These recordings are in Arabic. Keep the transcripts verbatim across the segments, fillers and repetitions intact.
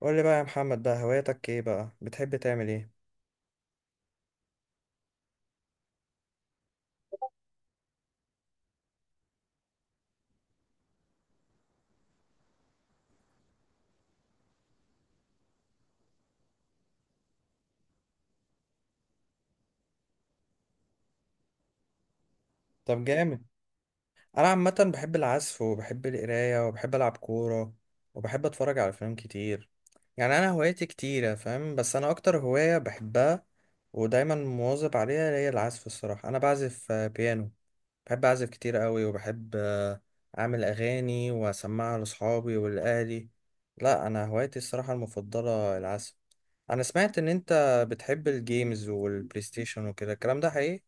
قول لي بقى يا محمد بقى، هواياتك ايه بقى؟ بتحب تعمل ايه؟ طب جامد. انا عامه بحب العزف، وبحب القرايه، وبحب العب كوره، وبحب اتفرج على افلام كتير. يعني انا هواياتي كتيره فاهم، بس انا اكتر هوايه بحبها ودايما مواظب عليها هي العزف. الصراحه انا بعزف آه، بيانو. بحب اعزف كتير قوي، وبحب آه، اعمل اغاني واسمعها لاصحابي ولاهلي. لا، انا هوايتي الصراحه المفضله العزف. انا سمعت ان انت بتحب الجيمز والبلاي ستيشن وكده، الكلام ده حقيقي؟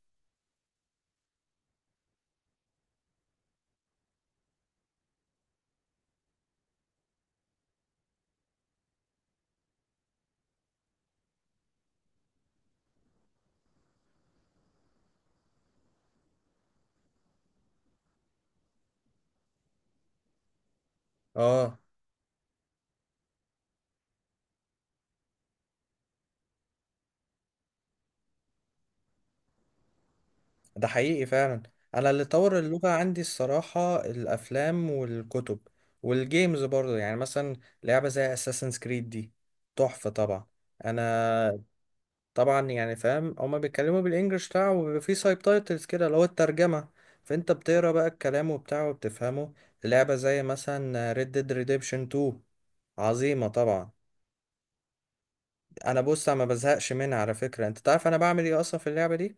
اه، ده حقيقي فعلا. انا اللي طور اللغة عندي الصراحة الافلام والكتب، والجيمز برضه، يعني مثلا لعبة زي اساسن كريد دي تحفة طبعا. انا طبعا يعني فاهم هما بيتكلموا بالانجلش بتاعه، وبيبقى فيه سايب تايتلز كده اللي هو الترجمة، فانت بتقرا بقى الكلام وبتاعه وبتفهمه. لعبة زي مثلا ريد ديد ريديمشن اتنين عظيمة طبعا. انا بص، انا ما بزهقش منها على فكره، انت تعرف انا بعمل ايه اصلا في اللعبه دي؟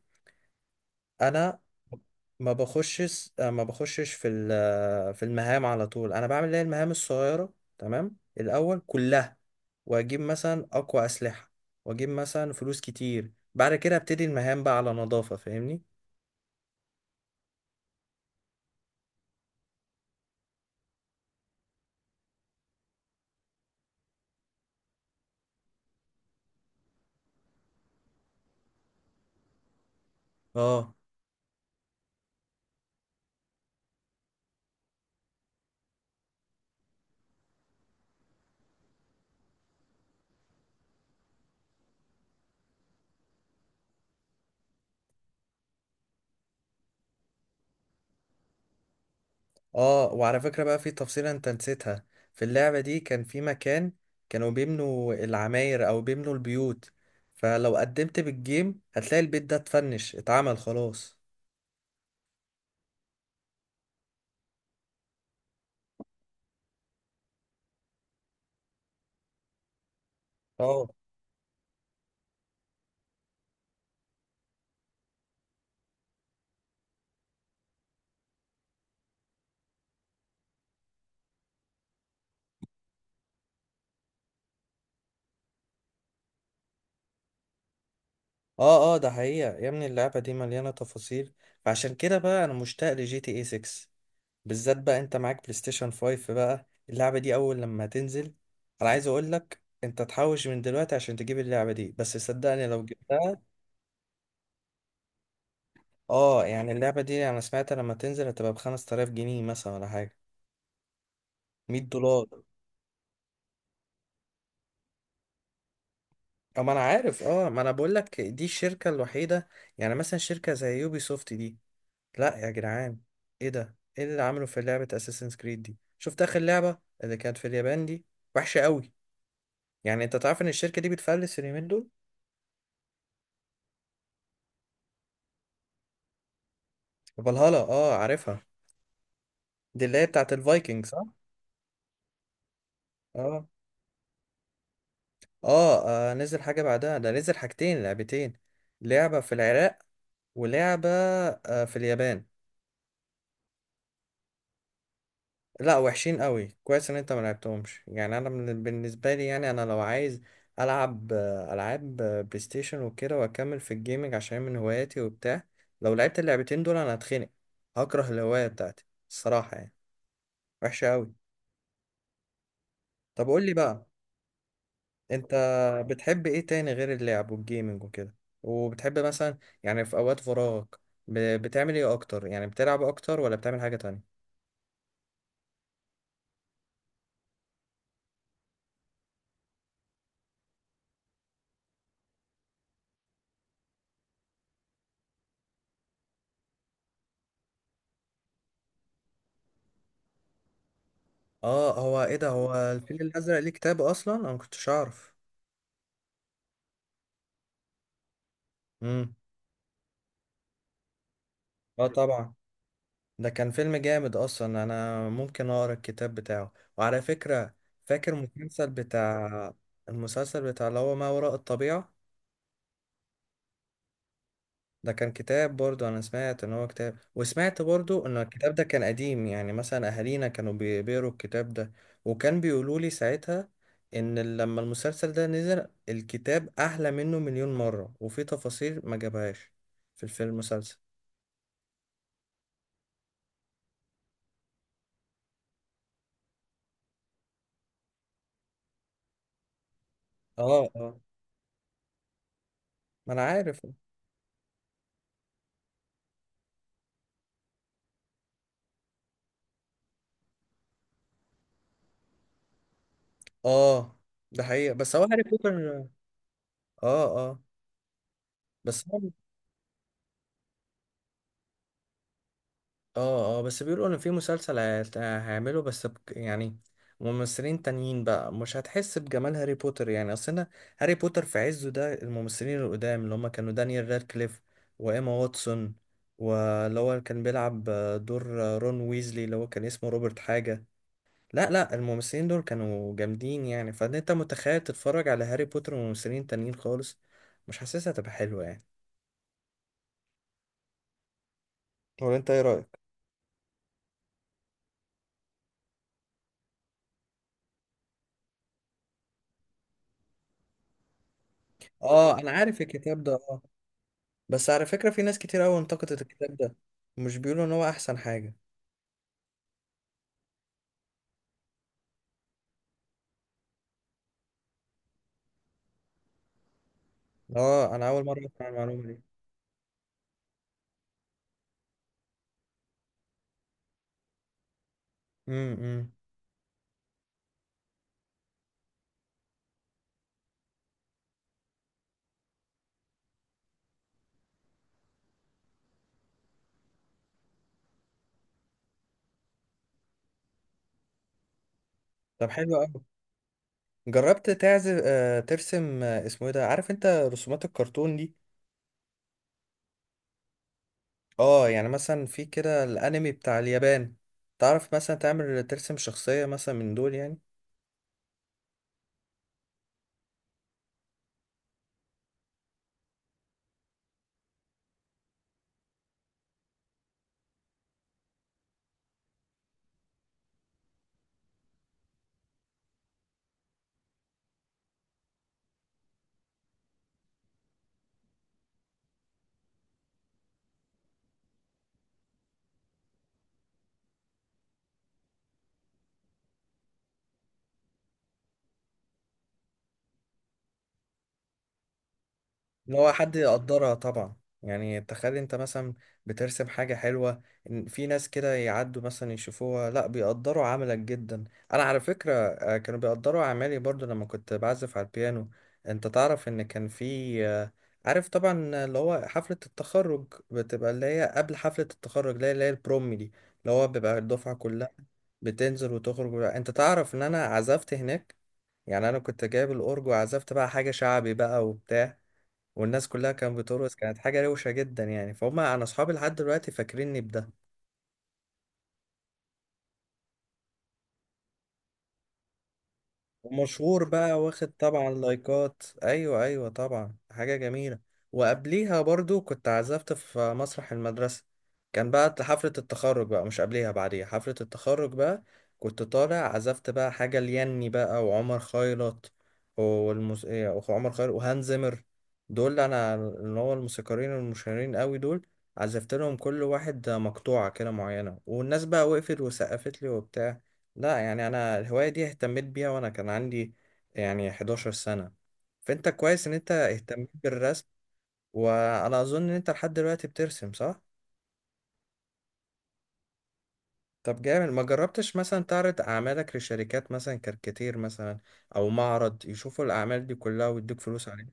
انا ما بخشش ما بخشش في ال- في المهام على طول، انا بعمل اللي هي المهام الصغيره تمام الاول كلها، واجيب مثلا اقوى اسلحه، واجيب مثلا فلوس كتير، بعد كده ابتدي المهام بقى على نظافه فاهمني. اه اه، وعلى فكرة بقى في تفصيلة انت نسيتها، في اللعبة دي كان في مكان كانوا بيبنوا العماير او بيبنوا البيوت، فلو قدمت بالجيم هتلاقي البيت ده اتفنش، اتعمل خلاص. اه اه اه، ده حقيقة يا ابني، اللعبة دي مليانة تفاصيل. فعشان كده بقى انا مشتاق لجي تي اي ستة، بالذات بقى انت معاك بلاي ستيشن خمسة، بقى اللعبة دي اول لما تنزل انا عايز اقولك انت تحوش من دلوقتي عشان تجيب اللعبة دي، بس صدقني لو جبتها. اه يعني اللعبة دي انا سمعت لما تنزل هتبقى بخمس تلاف جنيه مثلا، ولا حاجة، مية دولار. اه ما انا عارف، اه ما انا بقول لك دي الشركة الوحيدة. يعني مثلا شركة زي يوبي سوفت دي، لا يا جدعان، ايه ده؟ ايه اللي عمله في لعبة اساسنز كريد دي؟ شفت اخر لعبة اللي كانت في اليابان دي؟ وحشة قوي. يعني انت تعرف ان الشركة دي بتفلس اليومين دول. فالهالا، اه عارفها، دي اللي هي بتاعت الفايكنج صح؟ اه اه، آه، نزل حاجة بعدها، ده نزل حاجتين لعبتين، لعبة في العراق، ولعبة آه، في اليابان. لا وحشين قوي، كويس ان انت ما لعبتهمش، يعني انا من- بالنسبة لي، يعني انا لو عايز العب آه، العاب آه، بلاي ستيشن وكده واكمل في الجيمنج عشان من هواياتي وبتاع، لو لعبت اللعبتين دول انا هتخنق، هكره الهواية بتاعتي الصراحة يعني، وحشة قوي. طب قول لي بقى، انت بتحب ايه تاني غير اللعب والجيمنج وكده؟ وبتحب مثلا يعني في اوقات فراغك ب- بتعمل ايه اكتر؟ يعني بتلعب اكتر ولا بتعمل حاجة تانية؟ اه هو ايه ده، هو الفيل الازرق ليه كتاب اصلا؟ انا ما كنتش اعرف. امم. اه طبعا، ده كان فيلم جامد اصلا، انا ممكن اقرا الكتاب بتاعه. وعلى فكره، فاكر المسلسل بتاع، المسلسل بتاع اللي هو ما وراء الطبيعه؟ ده كان كتاب برضو، انا سمعت ان هو كتاب، وسمعت برضو ان الكتاب ده كان قديم، يعني مثلا اهالينا كانوا بي- بيقروا الكتاب ده، وكان بيقولوا لي ساعتها ان لما المسلسل ده نزل الكتاب احلى منه مليون مرة، وفي تفاصيل ما جابهاش في الفيلم المسلسل. اه اه ما انا عارف. اه ده حقيقة، بس هو هاري بوتر. اه اه بس هو، اه اه، بس بيقولوا ان في مسلسل هيت- هيعمله، بس بك يعني ممثلين تانيين بقى، مش هتحس بجمال هاري بوتر يعني، اصل انا هاري بوتر في عزه ده الممثلين القدام اللي هم كانوا دانيال رادكليف، وايما واتسون، واللي هو كان بيلعب دور رون ويزلي اللي هو كان اسمه روبرت حاجة، لا لا الممثلين دول كانوا جامدين، يعني فان انت متخيل تتفرج على هاري بوتر وممثلين تانيين خالص، مش حاسسها تبقى حلوة يعني، ولا انت ايه رأيك؟ اه انا عارف الكتاب ده آه. بس على فكرة في ناس كتير قوي انتقدت الكتاب ده، مش بيقولوا ان هو احسن حاجة. اه انا اول مرة اسمع المعلومة دي. امم. طب حلو قوي، جربت تعزف آه ترسم آه اسمه ايه ده، عارف انت رسومات الكرتون دي؟ اه يعني مثلا في كده الانمي بتاع اليابان، تعرف مثلا تعمل ترسم شخصية مثلا من دول يعني؟ اللي هو حد يقدرها طبعا، يعني تخيل انت مثلا بترسم حاجة حلوة، إن في ناس كده يعدوا مثلا يشوفوها، لا بيقدروا عملك جدا. انا على فكرة آه، كانوا بيقدروا اعمالي برضو لما كنت بعزف على البيانو، انت تعرف ان كان في آه، عارف طبعا اللي هو حفلة التخرج بتبقى، اللي هي قبل حفلة التخرج اللي هي اللي هي البروم دي، اللي هو بيبقى الدفعة كلها بتنزل وتخرج، انت تعرف ان انا عزفت هناك؟ يعني انا كنت جايب الاورج، وعزفت بقى حاجة شعبي بقى وبتاع، والناس كلها كانت بترقص، كانت حاجة روشة جدا يعني، فهم أنا أصحابي لحد دلوقتي فاكريني بده. ومشهور بقى، واخد طبعا لايكات، ايوه ايوه طبعا، حاجه جميله. وقبليها برضو كنت عزفت في مسرح المدرسه، كان بقى حفله التخرج بقى، مش قبليها بعديها حفله التخرج بقى، كنت طالع عزفت بقى حاجه ليني بقى، وعمر خيرت، والمس... إيه، وعمر خيرت وهانز زيمر، دول انا اللي هو الموسيقارين المشهورين قوي دول، عزفت لهم كل واحد مقطوعه كده معينه، والناس بقى وقفت وسقفت لي وبتاع. لا يعني انا الهوايه دي اهتميت بيها وانا كان عندي يعني 11 سنه، فانت كويس ان انت اهتميت بالرسم، وانا اظن ان انت لحد دلوقتي بترسم صح؟ طب جامد، ما جربتش مثلا تعرض اعمالك لشركات مثلا كاركاتير مثلا، او معرض يشوفوا الاعمال دي كلها ويدوك فلوس عليها؟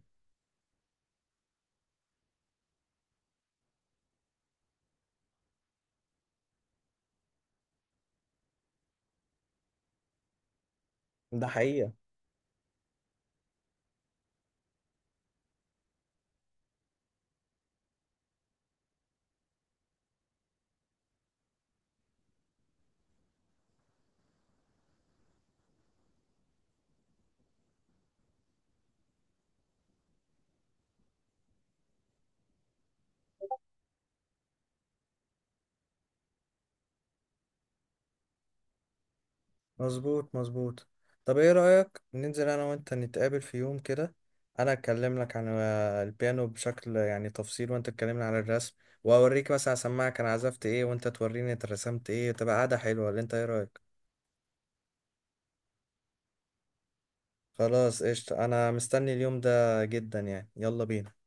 ده حقيقة. مظبوط مظبوط، طب ايه رأيك ننزل انا وانت نتقابل في يوم كده، انا اتكلم لك عن آه، البيانو بشكل يعني تفصيل، وانت تكلمني عن الرسم، واوريك مثلا اسمعك انا عزفت ايه، وانت توريني انت رسمت ايه، تبقى قاعدة حلوة، اللي انت ايه رأيك؟ خلاص قشطة، انا مستني اليوم ده جدا يعني، يلا بينا.